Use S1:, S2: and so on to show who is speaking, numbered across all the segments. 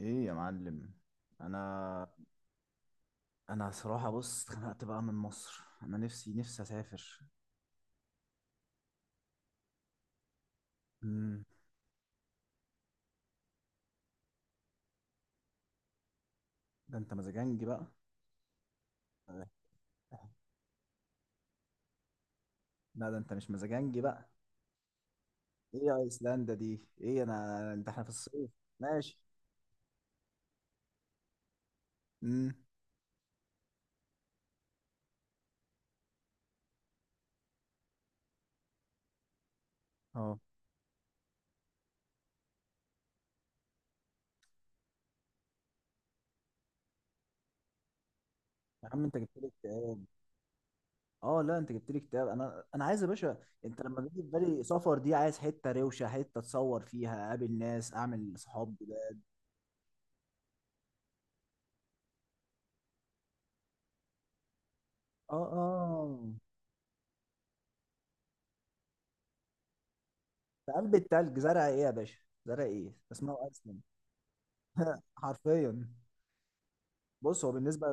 S1: ايه يا معلم. انا انا صراحة، بص، اتخنقت بقى من مصر. انا نفسي اسافر. امم. ده انت مزاجنجي بقى؟ آه. لا، ده انت مش مزاجنجي بقى. ايه يا ايسلندا دي؟ ايه انا انت احنا في الصيف؟ ماشي. امم. اه، يا عم انت جبت لي اكتئاب. اه، لا، انت جبت لي اكتئاب. انا عايز يا باشا. انت لما بيجي في بالي سفر دي، عايز حتة روشة، حتة اتصور فيها، اقابل ناس، اعمل صحاب جداد. اه، اه. في قلب التلج زرع ايه يا باشا؟ زرع ايه اسمها ايسلندا؟ حرفيا. بص،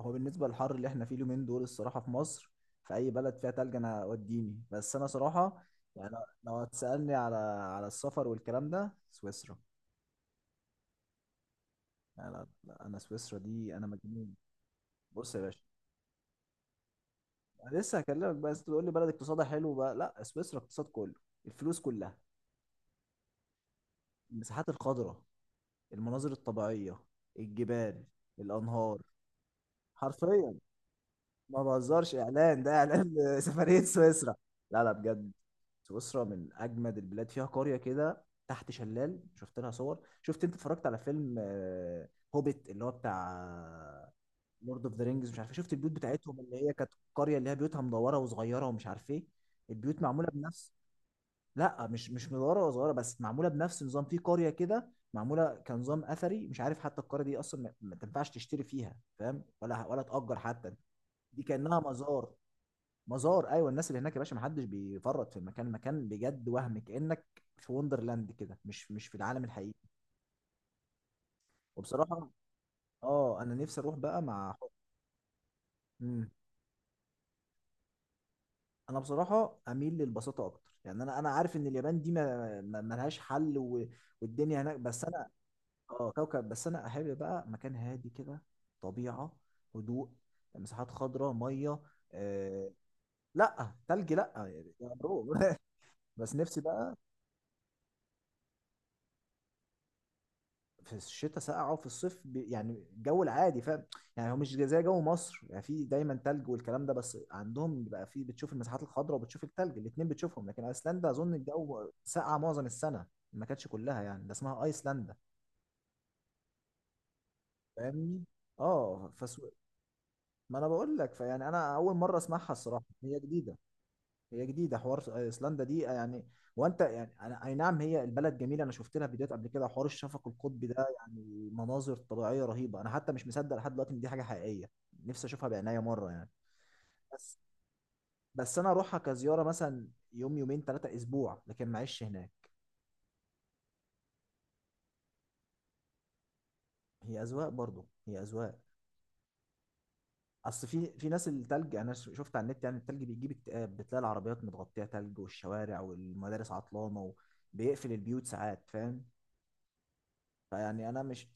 S1: هو بالنسبه للحر اللي احنا فيه اليومين دول الصراحه في مصر، في اي بلد فيها تلج انا وديني، بس انا صراحه يعني. لو هتسالني على السفر والكلام ده، سويسرا. يعني لا، انا سويسرا دي انا مجنون. بص يا باشا. انا لسه هكلمك بقى، انت تقول لي بلد اقتصادها حلو بقى؟ لا، سويسرا اقتصاد كله. الفلوس كلها. المساحات الخضراء. المناظر الطبيعيه. الجبال. الانهار. حرفيا. ما بهزرش، اعلان ده، اعلان. سفريه سويسرا. لا، لا، بجد. سويسرا من اجمد البلاد. فيها قريه كده تحت شلال، شفت لها صور. شفت انت اتفرجت على فيلم هوبيت، اللي هو بتاع لورد اوف ذا رينجز، مش عارف إيه. شفت البيوت بتاعتهم اللي هي كانت قريه، اللي هي بيوتها مدوره وصغيره ومش عارف ايه. البيوت معموله بنفس. لا، مش مدوره وصغيره، بس معموله بنفس نظام. في قريه كده معموله كنظام اثري، مش عارف حتى. القريه دي اصلا ما تنفعش تشتري فيها، فاهم، ولا تأجر حتى. دي كأنها مزار. مزار، ايوه. الناس اللي هناك يا باشا ما حدش بيفرط في المكان. مكان بجد، وهم كانك في وندرلاند كده، مش في العالم الحقيقي. وبصراحه، اه، انا نفسي اروح بقى مع حب. مم. انا بصراحه اميل للبساطه اكتر. يعني انا عارف ان اليابان دي ما لهاش حل والدنيا هناك، بس انا. اه، كوكب. بس انا احب بقى مكان هادي كده. طبيعه. هدوء. مساحات خضراء، ميه. آه... لا تلج لا. يا برو. بس نفسي بقى. في الشتاء ساقعه، وفي الصيف يعني الجو العادي، فاهم. يعني هو مش زي جو مصر يعني، في دايما تلج والكلام ده، بس عندهم بيبقى في، بتشوف المساحات الخضراء وبتشوف التلج، الاتنين بتشوفهم. لكن ايسلندا اظن الجو ساقعه معظم السنه، ما كانتش كلها يعني، ده اسمها ايسلندا. فاهمني. اه، ما انا بقول لك. فيعني انا اول مره اسمعها الصراحه، هي جديده. هي جديده حوار ايسلندا دي يعني وانت يعني، أنا اي نعم هي البلد جميله. انا شفت لها فيديوهات قبل كده حوار الشفق القطبي ده، يعني مناظر طبيعيه رهيبه. انا حتى مش مصدق لحد دلوقتي ان دي حاجه حقيقيه. نفسي اشوفها بعناية مره يعني. بس بس انا اروحها كزياره مثلا، يوم يومين ثلاثه اسبوع، لكن معيش هناك. هي اذواق برضو، هي اذواق. اصل في ناس التلج انا شفت على النت، يعني التلج بيجيب اكتئاب، بتلاقي العربيات متغطيه تلج والشوارع والمدارس عطلانه، وبيقفل البيوت ساعات، فاهم. فيعني انا مش،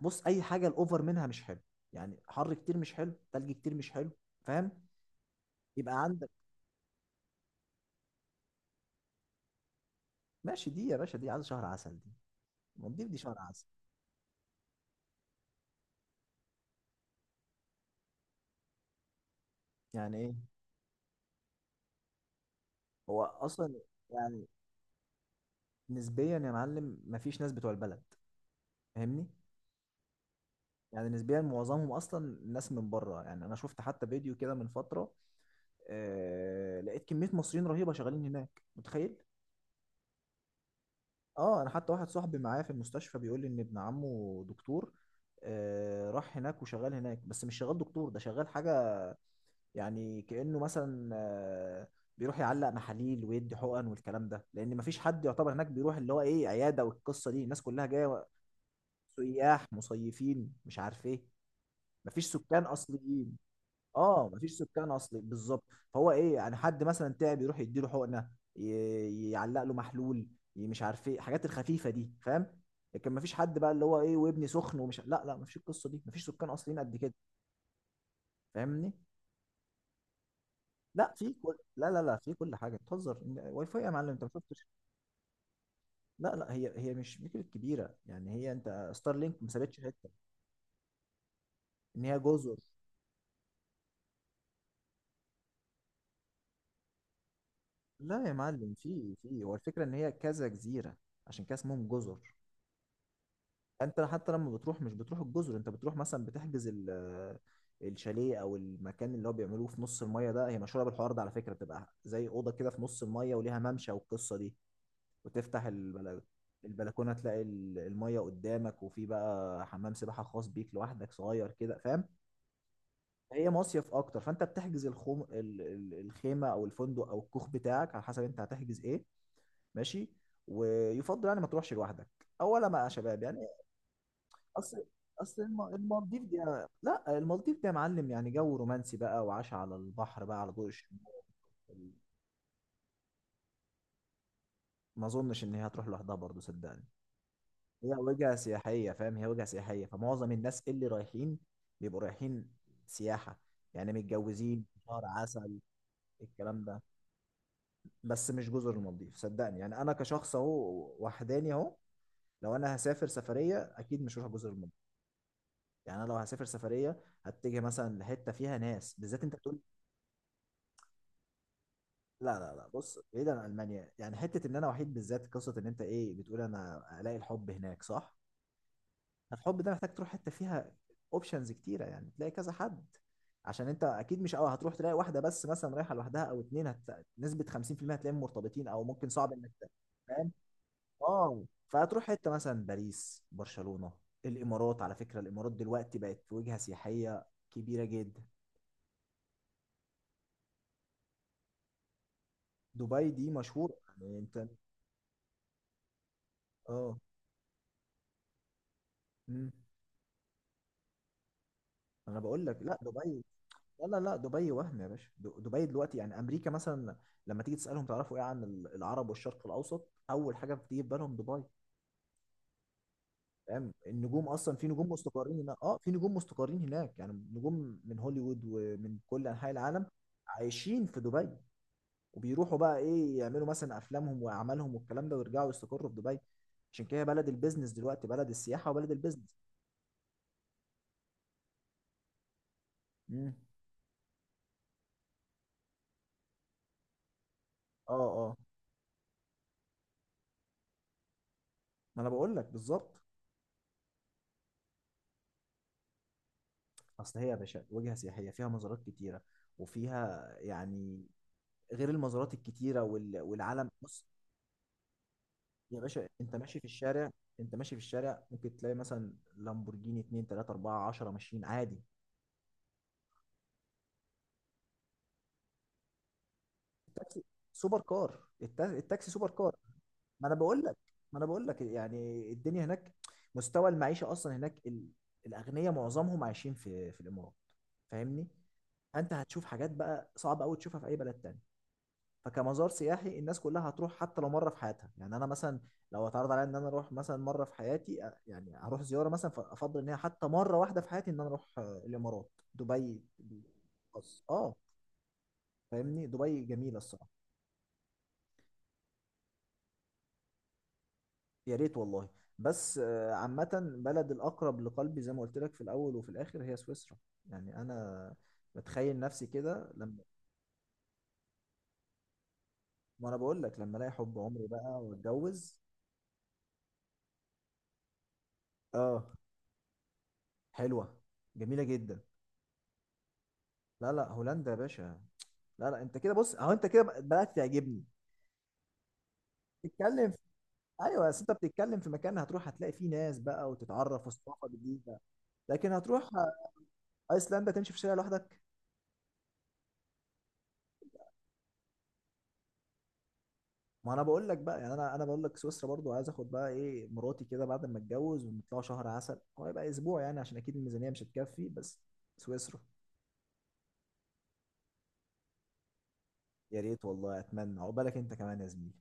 S1: بص، اي حاجه الاوفر منها مش حلو. يعني حر كتير مش حلو، تلج كتير مش حلو. فاهم. يبقى عندك. ماشي، دي يا باشا دي عايز شهر عسل دي. المالديف دي شهر عسل. يعني ايه؟ هو اصلا يعني، نسبيا يا معلم مفيش ناس بتوع البلد، فاهمني. يعني نسبيا معظمهم اصلا ناس من بره. يعني انا شفت حتى فيديو كده من فتره، لقيت كميه مصريين رهيبه شغالين هناك، متخيل؟ اه، انا حتى واحد صاحبي معايا في المستشفى بيقول لي ان ابن عمه دكتور، راح هناك وشغال هناك، بس مش شغال دكتور، ده شغال حاجة يعني. كأنه مثلا بيروح يعلق محاليل ويدي حقن والكلام ده، لان مفيش حد يعتبر هناك بيروح اللي هو ايه عيادة، والقصة دي الناس كلها جاية سياح، مصيفين، مش عارف ايه. مفيش سكان اصليين. اه، مفيش سكان اصلي بالظبط. فهو ايه يعني، حد مثلا تعب يروح يديله حقنه، يعلق له محلول، مش عارف ايه الحاجات الخفيفه دي، فاهم. لكن مفيش حد بقى اللي هو ايه وابني سخن ومش، لا، لا، مفيش القصه دي، مفيش سكان اصليين قد كده، فاهمني. لا، لا، لا، في كل حاجه، بتهزر واي فاي يا معلم، انت ما شفتش؟ لا، لا، هي مش فكره كبيره يعني، هي انت ستار لينك ما سابتش حته. ان هي جزر. لا يا معلم، في هو الفكره ان هي كذا جزيره، عشان كده اسمهم جزر. انت حتى لما بتروح، مش بتروح الجزر، انت بتروح مثلا بتحجز الشاليه او المكان اللي هو بيعملوه في نص الميه ده. هي مشهوره بالحوار ده على فكره، بتبقى زي اوضه كده في نص الميه وليها ممشى والقصه دي، وتفتح البلكونه تلاقي الميه قدامك، وفي بقى حمام سباحه خاص بيك لوحدك صغير كده، فاهم. هي مصيف اكتر، فانت بتحجز الخوم الخيمه او الفندق او الكوخ بتاعك على حسب انت هتحجز ايه. ماشي. ويفضل يعني ما تروحش لوحدك، اولا ما يا شباب يعني. اصل اصل المالديف دي، لا، المالديف دي يا معلم يعني جو رومانسي بقى، وعاش على البحر بقى، على ضوء الشموع. ما اظنش ان هي هتروح لوحدها برضه، صدقني. هي وجهه سياحيه، فاهم؟ هي وجهه سياحيه، فمعظم الناس اللي رايحين بيبقوا رايحين سياحه، يعني متجوزين شهر عسل، الكلام ده. بس مش جزر المالديف صدقني، يعني انا كشخص اهو وحداني اهو، لو انا هسافر سفريه اكيد مش هروح جزر المالديف. يعني انا لو هسافر سفريه هتجي مثلا لحته فيها ناس، بالذات انت بتقول، لا، لا، لا، بص بعيدا عن المانيا يعني، حته ان انا وحيد بالذات، قصه ان انت ايه بتقول انا الاقي الحب هناك، صح؟ الحب ده محتاج تروح حته فيها اوبشنز كتيره، يعني تلاقي كذا حد. عشان انت اكيد مش أول هتروح تلاقي واحده بس مثلا رايحه لوحدها، او اتنين، نسبه 50% هتلاقيهم مرتبطين، او ممكن صعب انك فاهم اه، فهتروح حته مثلا باريس، برشلونه. الامارات على فكره، الامارات دلوقتي بقت وجهه سياحيه كبيره جدا. دبي دي مشهور يعني، انت. اه مم. انا بقول لك، لا، دبي، لا، لا، لا، دبي وهم يا باشا. دبي دلوقتي يعني امريكا مثلا، لما تيجي تسالهم تعرفوا ايه عن العرب والشرق الاوسط، اول حاجه بتيجي في بالهم دبي، فاهم. النجوم اصلا، في نجوم مستقرين هناك، اه، في نجوم مستقرين هناك يعني، نجوم من هوليوود ومن كل انحاء العالم عايشين في دبي، وبيروحوا بقى ايه يعملوا مثلا افلامهم واعمالهم والكلام ده، ويرجعوا يستقروا في دبي. عشان كده هي بلد البيزنس دلوقتي، بلد السياحه وبلد البيزنس. امم. اه، اه. ما انا بقول لك بالظبط. اصل هي يا باشا وجهه سياحيه فيها مزارات كتيره، وفيها يعني، غير المزارات الكتيره والعلم بص يا باشا، انت ماشي في الشارع. انت ماشي في الشارع ممكن تلاقي مثلا لامبورجيني 2 3 4 10 ماشيين عادي. التاكسي سوبر كار، التاكسي سوبر كار. ما انا بقول لك، ما انا بقول لك يعني. الدنيا هناك، مستوى المعيشه اصلا هناك، الاغنياء معظمهم عايشين في الامارات، فاهمني. انت هتشوف حاجات بقى صعب قوي تشوفها في اي بلد تاني. فكمزار سياحي الناس كلها هتروح حتى لو مره في حياتها. يعني انا مثلا لو اتعرض عليا ان انا اروح مثلا مره في حياتي يعني هروح زياره مثلا، فافضل ان هي حتى مره واحده في حياتي ان انا اروح الامارات دبي، بس اه. فاهمني، دبي جميله الصراحه. يا ريت والله. بس عامه بلد الاقرب لقلبي زي ما قلت لك في الاول وفي الاخر هي سويسرا. يعني انا بتخيل نفسي كده لما، ما انا بقول لك، لما الاقي حب عمري بقى واتجوز. اه. حلوه، جميله جدا. لا، لا، هولندا يا باشا. لا، لا، انت كده بص اهو، انت كده بدأت تعجبني. بتتكلم في... ايوه بس انت بتتكلم في مكان هتروح هتلاقي فيه ناس بقى وتتعرف وثقافه جديده. لكن هتروح ايسلندا تمشي في شارع لوحدك. ما انا بقول لك بقى، يعني انا بقول لك سويسرا برضو، عايز اخد بقى ايه مراتي كده بعد ما اتجوز ونطلع شهر عسل، هو يبقى اسبوع يعني عشان اكيد الميزانيه مش هتكفي، بس سويسرا. يا ريت والله، اتمنى عقبالك انت كمان يا زميلي.